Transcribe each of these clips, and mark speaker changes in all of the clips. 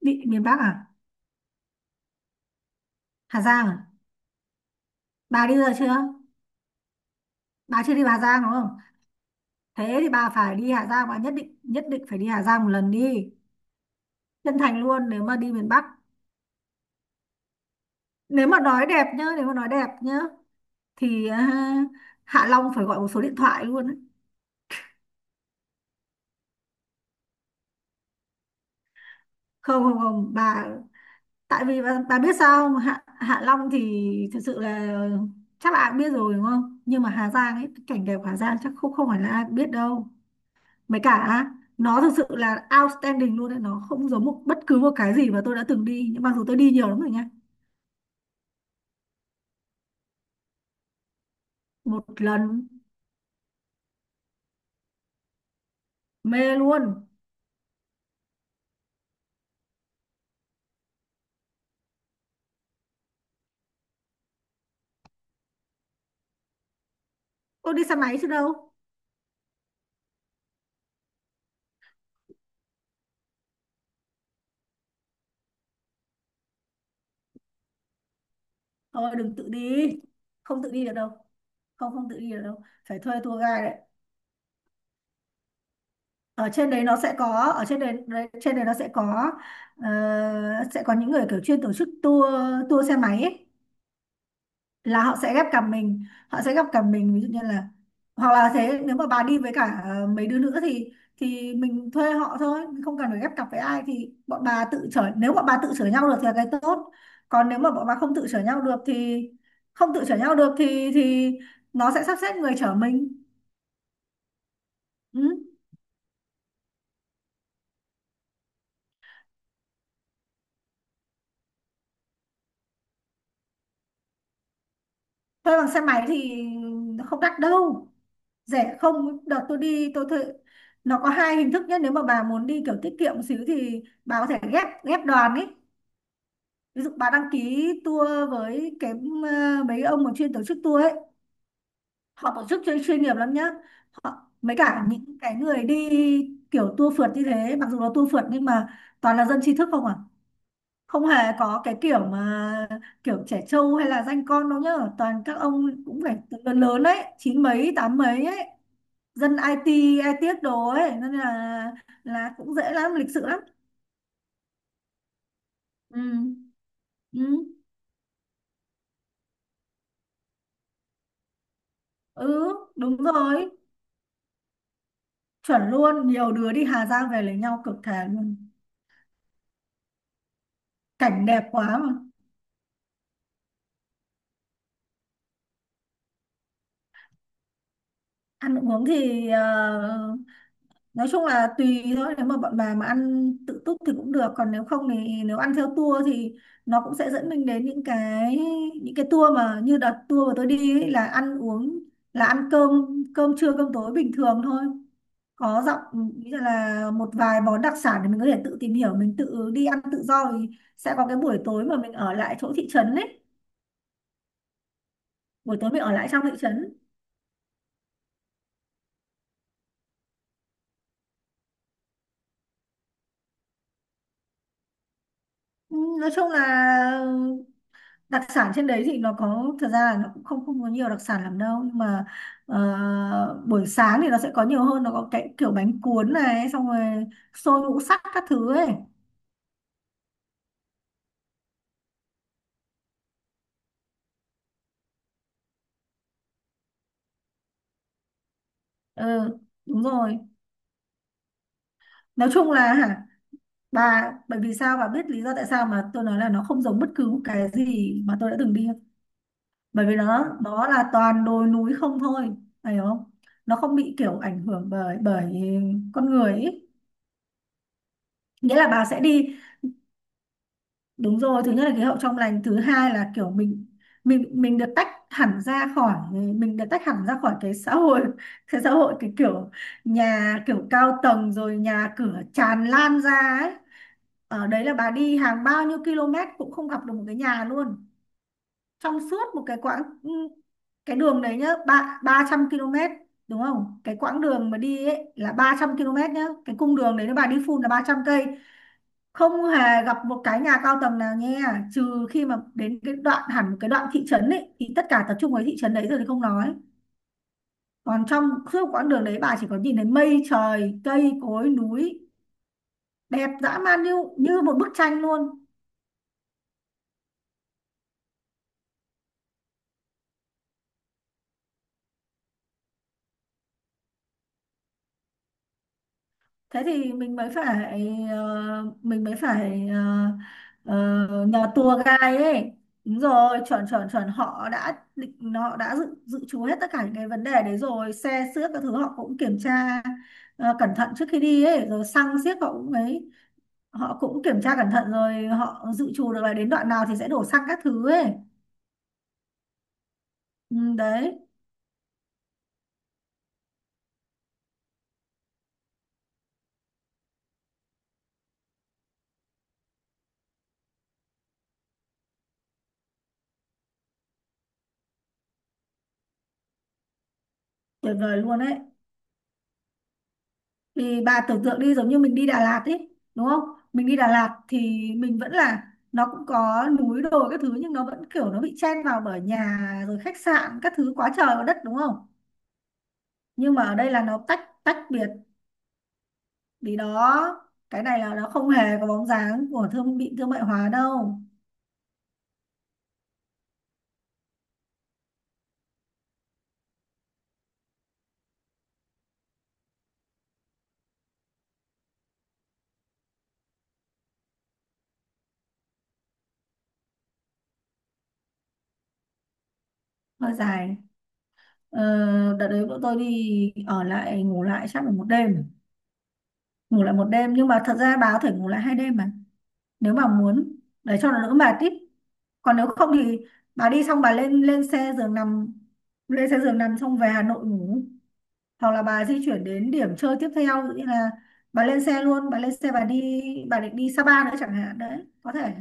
Speaker 1: Bị miền Bắc à? Hà Giang à? Bà đi rồi chưa? Bà chưa đi Hà Giang đúng không? Thế thì bà phải đi Hà Giang, bà nhất định, nhất định phải đi Hà Giang một lần đi. Chân thành luôn nếu mà đi miền Bắc. Nếu mà nói đẹp nhá, nếu mà nói đẹp nhá thì Hạ Long phải gọi một số điện thoại luôn ấy. Không, không, không, bà, tại vì bà biết sao không? Hạ Hạ Long thì thực sự là chắc là ai cũng biết rồi đúng không? Nhưng mà Hà Giang ấy, cái cảnh đẹp Hà Giang chắc không không phải là ai cũng biết đâu. Mấy cả nó thực sự là outstanding luôn đấy. Nó không giống một bất cứ một cái gì mà tôi đã từng đi. Nhưng mặc dù tôi đi nhiều lắm rồi nha. Một lần mê luôn. Tôi đi xe máy chứ đâu. Thôi đừng tự đi. Không tự đi được đâu. Không không tự đi được đâu. Phải thuê tour guide đấy. Ở trên đấy nó sẽ có ở trên đấy đấy- Trên đấy nó sẽ có, ờ, sẽ có những người kiểu chuyên tổ chức tour tour xe máy ấy. Là họ sẽ ghép cặp mình họ sẽ ghép cặp mình, ví dụ như là hoặc là thế, nếu mà bà đi với cả mấy đứa nữa thì mình thuê họ thôi, không cần phải ghép cặp với ai. Thì bọn bà tự chở, nếu bọn bà tự chở nhau được thì là cái tốt. Còn nếu mà bọn bà không tự chở nhau được thì không tự chở nhau được thì nó sẽ sắp xếp người chở mình. Ừ. Thuê bằng xe máy thì không đắt đâu, rẻ. Không, đợt tôi đi tôi thuê, nó có hai hình thức nhé. Nếu mà bà muốn đi kiểu tiết kiệm một xíu thì bà có thể ghép ghép đoàn ấy. Ví dụ bạn đăng ký tour với cái mấy ông mà chuyên tổ chức tour ấy. Họ tổ chức chuyên chuyên nghiệp lắm nhá. Họ mấy cả những cái người đi kiểu tour phượt như thế. Mặc dù là tour phượt nhưng mà toàn là dân trí thức không à. Không hề có cái kiểu mà kiểu trẻ trâu hay là danh con đâu nhá. Toàn các ông cũng phải từ lớn lớn ấy, chín mấy tám mấy ấy, dân IT ai tiết đồ ấy, nên là cũng dễ lắm, lịch sự lắm. Ừ. Ừ. Ừ. Đúng rồi, chuẩn luôn. Nhiều đứa đi Hà Giang về lấy nhau cực thề luôn, cảnh đẹp quá mà. Ăn uống thì nói chung là tùy thôi. Nếu mà bọn bà mà ăn tự túc thì cũng được, còn nếu không thì nếu ăn theo tour thì nó cũng sẽ dẫn mình đến những cái tour mà như đợt tour mà tôi đi ấy, là ăn uống là ăn cơm, cơm trưa cơm tối bình thường thôi. Có dặm, ý là một vài món đặc sản để mình có thể tự tìm hiểu, mình tự đi ăn tự do thì sẽ có cái buổi tối mà mình ở lại chỗ thị trấn ấy, buổi tối mình ở lại trong thị trấn. Ừ, nói chung là đặc sản trên đấy thì nó có, thật ra là nó cũng không không có nhiều đặc sản lắm đâu, nhưng mà buổi sáng thì nó sẽ có nhiều hơn, nó có cái kiểu bánh cuốn này, xong rồi xôi ngũ sắc các thứ ấy. Ừ, đúng rồi. Nói chung là hả, bà bởi vì sao bà biết lý do tại sao mà tôi nói là nó không giống bất cứ một cái gì mà tôi đã từng đi không? Bởi vì nó là toàn đồi núi không thôi, phải không? Nó không bị kiểu ảnh hưởng bởi bởi con người ý. Nghĩa là bà sẽ đi, đúng rồi, thứ nhất là khí hậu trong lành, thứ hai là kiểu mình, mình được tách hẳn ra khỏi, mình được tách hẳn ra khỏi cái xã hội, cái xã hội cái kiểu nhà kiểu cao tầng rồi nhà cửa tràn lan ra ấy. Ở đấy là bà đi hàng bao nhiêu km cũng không gặp được một cái nhà luôn, trong suốt một cái quãng, cái đường đấy nhá, 300 km, đúng không? Cái quãng đường mà đi ấy là 300 km nhá, cái cung đường đấy nếu bà đi full là 300 cây, không hề gặp một cái nhà cao tầng nào nha, trừ khi mà đến cái đoạn hẳn một cái đoạn thị trấn ấy thì tất cả tập trung vào thị trấn đấy rồi thì không nói. Còn trong suốt quãng đường đấy bà chỉ có nhìn thấy mây trời, cây cối, núi, đẹp dã man như như một bức tranh luôn. Thế thì mình mới phải, mình mới phải, nhờ tour guide ấy. Đúng rồi, chuẩn, chuẩn, chuẩn, họ đã định, họ đã dự dự trù hết tất cả những cái vấn đề đấy rồi, xe xước các thứ họ cũng kiểm tra cẩn thận trước khi đi ấy, rồi xăng xiếc họ cũng ấy, họ cũng kiểm tra cẩn thận rồi, họ dự trù được là đến đoạn nào thì sẽ đổ xăng các thứ ấy. Ừ, đấy. Tuyệt vời luôn đấy. Thì bà tưởng tượng đi, giống như mình đi Đà Lạt ấy, đúng không? Mình đi Đà Lạt thì mình vẫn là, nó cũng có núi đồi các thứ nhưng nó vẫn kiểu nó bị chen vào bởi nhà, rồi khách sạn các thứ quá trời quá đất, đúng không? Nhưng mà ở đây là nó tách, tách biệt. Vì đó cái này là nó không hề có bóng dáng của bị thương mại hóa đâu. Hơi dài. ờ, Đợt đấy bọn tôi đi ở lại ngủ lại chắc là một đêm, ngủ lại một đêm, nhưng mà thật ra bà có thể ngủ lại 2 đêm mà, nếu mà muốn, để cho nó đỡ mệt tí. Còn nếu không thì bà đi xong bà lên, lên xe giường nằm, lên xe giường nằm xong về Hà Nội ngủ, hoặc là bà di chuyển đến điểm chơi tiếp theo, ví dụ như là bà lên xe luôn, bà lên xe bà đi, bà định đi Sapa nữa chẳng hạn đấy, có thể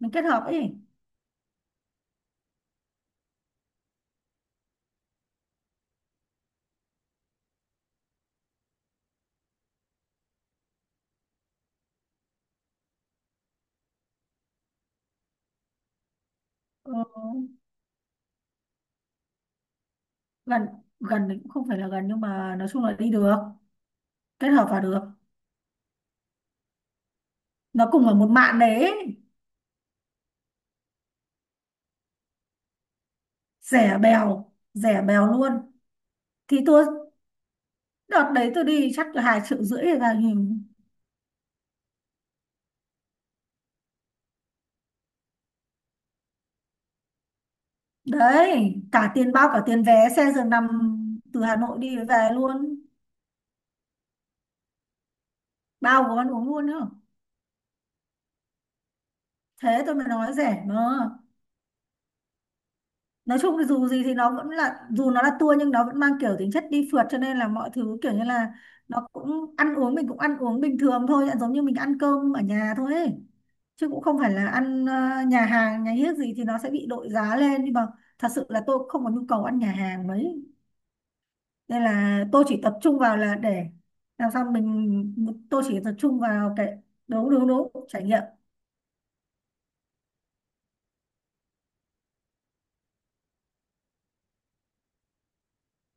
Speaker 1: mình kết hợp ấy. Ừ, gần. Gần thì cũng không phải là gần nhưng mà nói chung là đi được, kết hợp vào được, nó cùng ở một mạn đấy ấy. Rẻ bèo, rẻ bèo luôn. Thì tôi Đợt đấy tôi đi chắc là 2,5 triệu hay là gì đấy, cả tiền, bao cả tiền vé xe giường nằm từ Hà Nội đi về luôn, bao gồm ăn uống luôn nữa. Thế tôi mới nói rẻ mà. Nói chung thì dù gì thì nó vẫn là, dù nó là tour nhưng nó vẫn mang kiểu tính chất đi phượt, cho nên là mọi thứ kiểu như là, nó cũng ăn uống, mình cũng ăn uống bình thường thôi, giống như mình ăn cơm ở nhà thôi ấy. Chứ cũng không phải là ăn nhà hàng nhà hiếc gì thì nó sẽ bị đội giá lên, nhưng mà thật sự là tôi cũng không có nhu cầu ăn nhà hàng mấy, nên là tôi chỉ tập trung vào là để làm sao mình, tôi chỉ tập trung vào cái, đúng đúng đúng, trải nghiệm.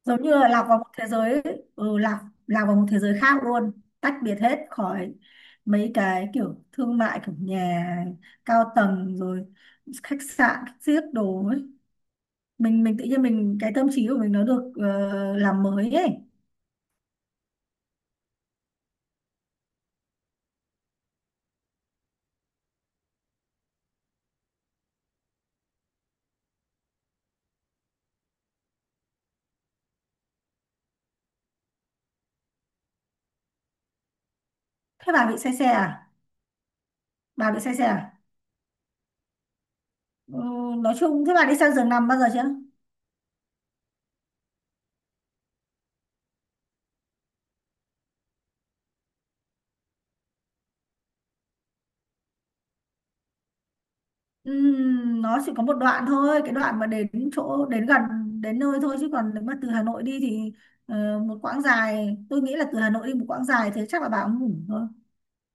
Speaker 1: Giống như là lạc vào một thế giới, ừ, lạc lạc vào một thế giới khác luôn, tách biệt hết khỏi mấy cái kiểu thương mại, kiểu nhà cao tầng rồi khách sạn xiếc đồ ấy. Mình tự nhiên mình, cái tâm trí của mình nó được, làm mới ấy. Thế bà bị say xe à? bà bị say xe à ừ, nói chung thế bà đi sang giường nằm bao giờ chưa? Nó chỉ có một đoạn thôi, cái đoạn mà đến chỗ đến nơi thôi, chứ còn nếu mà từ Hà Nội đi thì một quãng dài, tôi nghĩ là từ Hà Nội đi một quãng dài thế chắc là bà cũng ngủ thôi,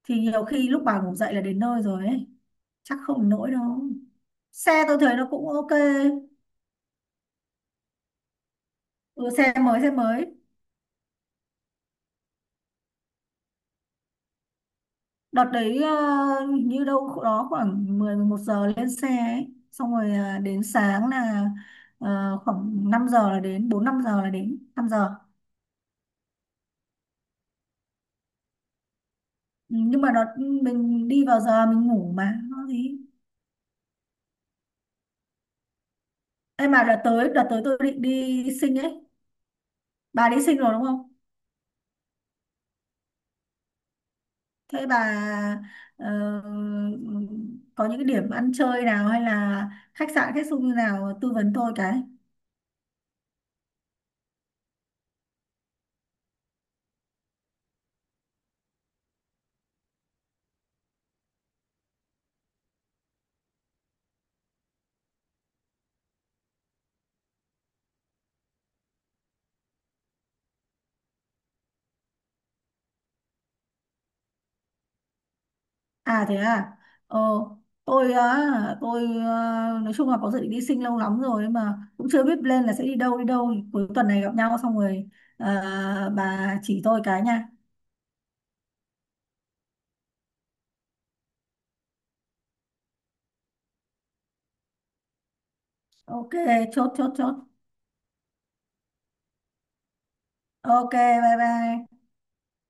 Speaker 1: thì nhiều khi lúc bà ngủ dậy là đến nơi rồi ấy, chắc không đến nỗi đâu. Xe tôi thấy nó cũng ok. Ừ, xe mới, xe mới. Đợt đấy hình như đâu đó khoảng 10, 11 giờ lên xe ấy. Xong rồi đến sáng là khoảng 5 giờ là đến, 4 5 giờ là đến, 5 giờ. Ừ, nhưng mà đợt, mình đi vào giờ mình ngủ mà nó gì. Em mà đợt tới, tôi định đi sinh ấy. Bà đi sinh rồi đúng không? Thế bà ờ, có những cái điểm ăn chơi nào hay là khách sạn khách sung như nào tư vấn tôi cái. À thế à. Ờ tôi á tôi ờ, Nói chung là có dự định đi sinh lâu lắm rồi nhưng mà cũng chưa biết lên là sẽ đi đâu, đi đâu cuối tuần này gặp nhau xong rồi bà chỉ tôi cái nha. Ok, chốt chốt chốt. Ok, bye bye.